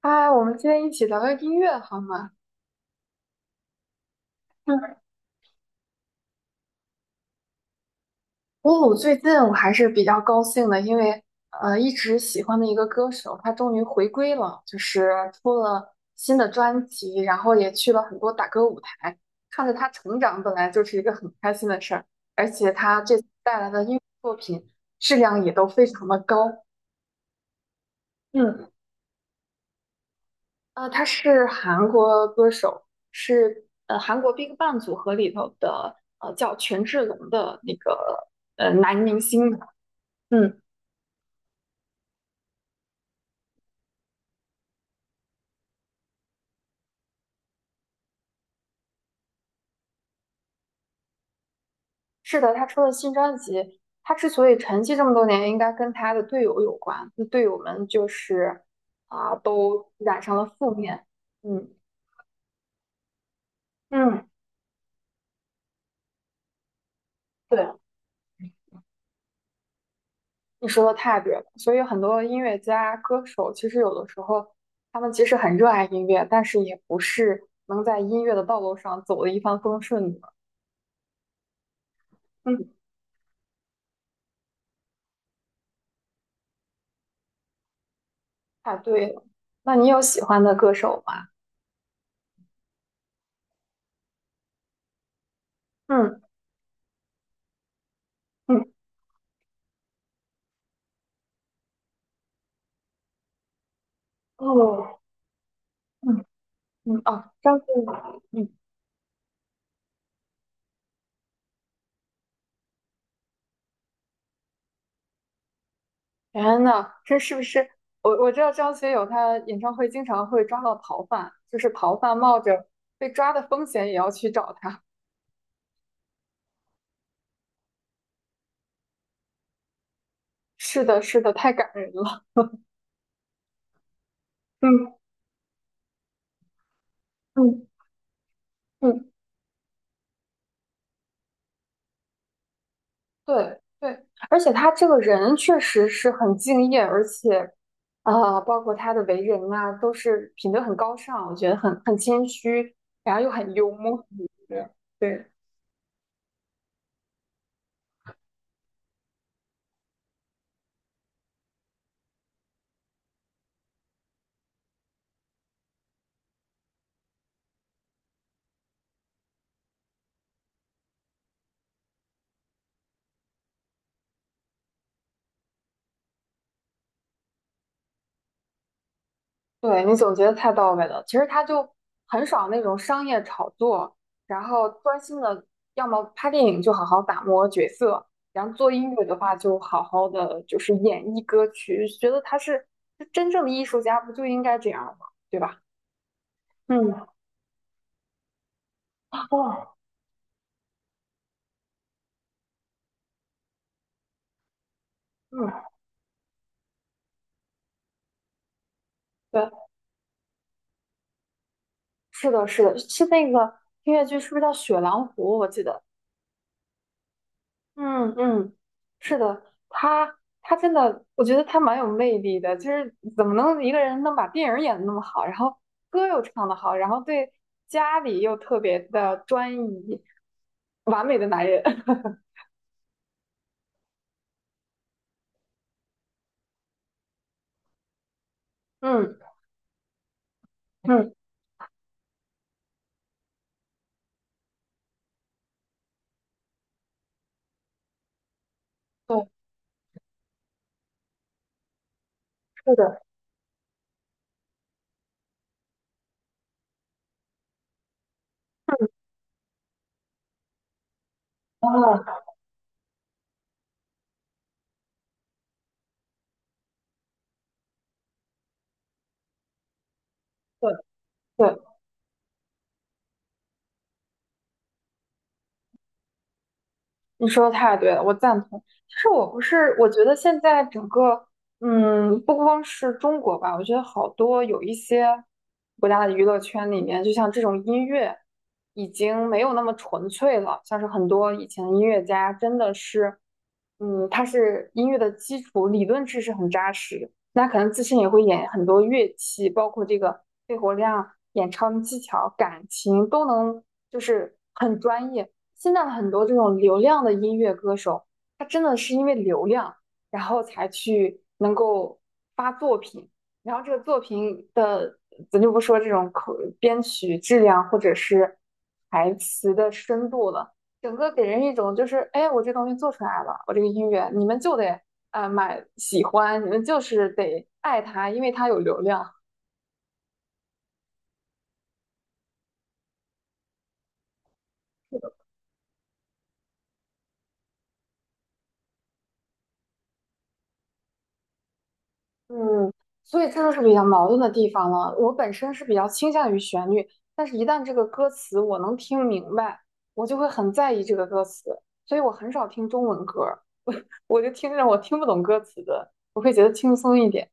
嗨，我们今天一起聊聊音乐好吗？嗯，哦，最近我还是比较高兴的，因为一直喜欢的一个歌手，他终于回归了，就是出了新的专辑，然后也去了很多打歌舞台，看着他成长本来就是一个很开心的事儿，而且他这次带来的音乐作品质量也都非常的高。嗯，他是韩国歌手，是韩国 BigBang 组合里头的叫权志龙的那个男明星嘛。嗯，是的，他出了新专辑。他之所以沉寂这么多年，应该跟他的队友有关。那队友们就是都染上了负面。嗯嗯，对。你说的太对了，所以很多音乐家、歌手，其实有的时候，他们即使很热爱音乐，但是也不是能在音乐的道路上走的一帆风顺的。嗯，太对了。那你有喜欢的歌手吗？嗯嗯哦嗯嗯哦，张学友。嗯，天呐，这是不是？我知道张学友他演唱会经常会抓到逃犯，就是逃犯冒着被抓的风险也要去找他。是的，是的，太感人了。嗯嗯嗯。对对，而且他这个人确实是很敬业，而且，啊，包括他的为人啊，都是品德很高尚，我觉得很谦虚，然后又很幽默。对，对，对你总结的太到位了。其实他就很少那种商业炒作，然后专心的，要么拍电影就好好打磨角色，然后做音乐的话就好好的就是演绎歌曲。觉得他是真正的艺术家，不就应该这样吗？对吧？嗯，哇，嗯。对，是的，是的，是那个音乐剧是不是叫《雪狼湖》？我记得，嗯嗯，是的，他真的，我觉得他蛮有魅力的，就是怎么能一个人能把电影演得那么好，然后歌又唱得好，然后对家里又特别的专一，完美的男人。嗯嗯，对，是的，啊，对对。你说的太对了，我赞同。其实我不是，我觉得现在整个，不光是中国吧，我觉得好多有一些国家的娱乐圈里面，就像这种音乐已经没有那么纯粹了。像是很多以前的音乐家，真的是，嗯，他是音乐的基础理论知识很扎实，那可能自身也会演很多乐器，包括这个肺活量、演唱技巧、感情都能，就是很专业。现在很多这种流量的音乐歌手，他真的是因为流量，然后才去能够发作品，然后这个作品的，咱就不说这种口编曲质量或者是台词的深度了，整个给人一种就是，哎，我这东西做出来了，我这个音乐你们就得买喜欢，你们就是得爱它，因为它有流量。嗯，所以这就是比较矛盾的地方了。我本身是比较倾向于旋律，但是一旦这个歌词我能听明白，我就会很在意这个歌词，所以我很少听中文歌儿，我我就听着我听不懂歌词的，我会觉得轻松一点。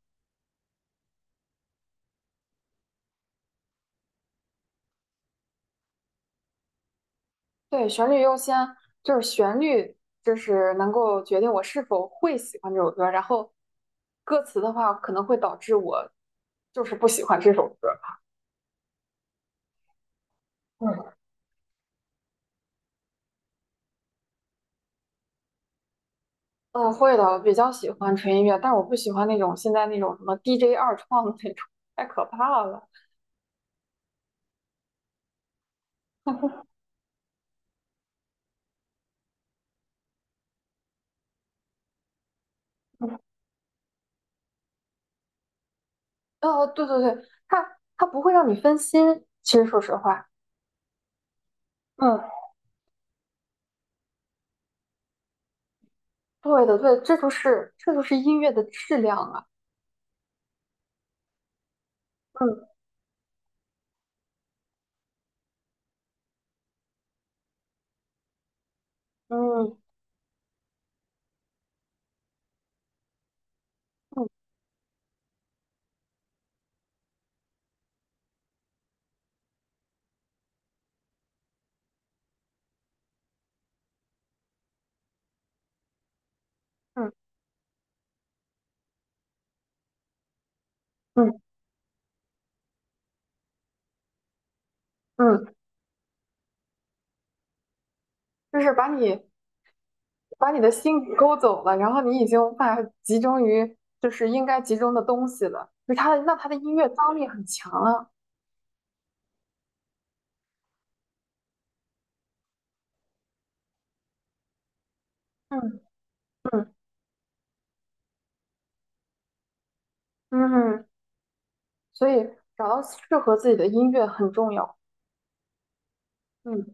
对，旋律优先，就是旋律，就是能够决定我是否会喜欢这首歌，然后歌词的话可能会导致我就是不喜欢这首歌。嗯。嗯，会的，我比较喜欢纯音乐，但是我不喜欢那种现在那种什么 DJ 二创的那种，太可怕了。嗯，哦，对对对，它不会让你分心，其实说实话。嗯对的，对，这就是音乐的质量啊。嗯嗯嗯嗯嗯嗯，就是把你的心给勾走了，然后你已经无法集中于就是应该集中的东西了。就是它的，那它的音乐张力很强啊。嗯嗯嗯。所以找到适合自己的音乐很重要。嗯，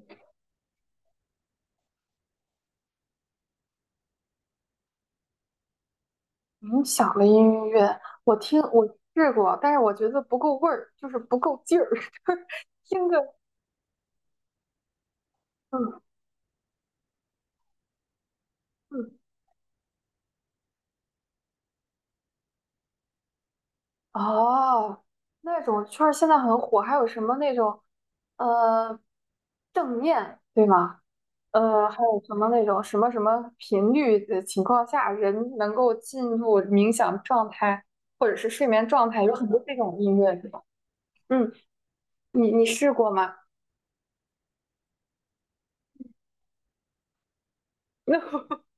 冥想的音乐，我试过，但是我觉得不够味儿，就是不够劲儿，就是听个嗯嗯哦，那种圈儿现在很火，还有什么那种呃正念对吗？呃，还有什么那种什么什么频率的情况下，人能够进入冥想状态或者是睡眠状态，有很多这种音乐，对吧？嗯，你试过吗？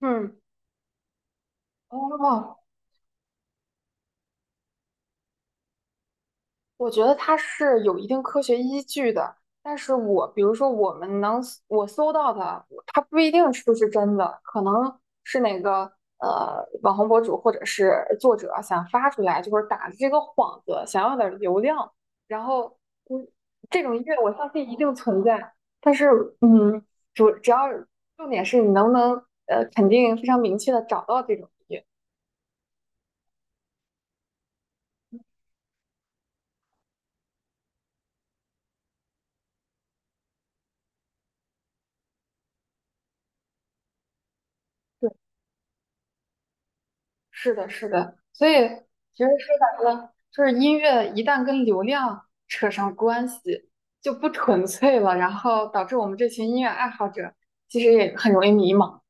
嗯，哦，我觉得它是有一定科学依据的，但是我比如说我们能我搜到的，它不一定是不是真的，可能是哪个网红博主或者是作者想发出来，就是打着这个幌子，想要点儿流量，然后嗯，这种音乐我相信一定存在，但是嗯，要重点是你能不能肯定非常明确的找到这种音乐。是的，是的，所以其实说白了，就是音乐一旦跟流量扯上关系，就不纯粹了，然后导致我们这群音乐爱好者其实也很容易迷茫。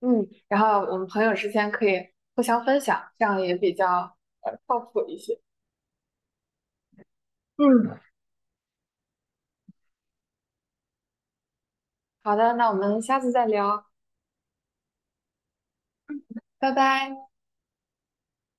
嗯，然后我们朋友之间可以互相分享，这样也比较靠谱一些。嗯，好的，那我们下次再聊，拜拜。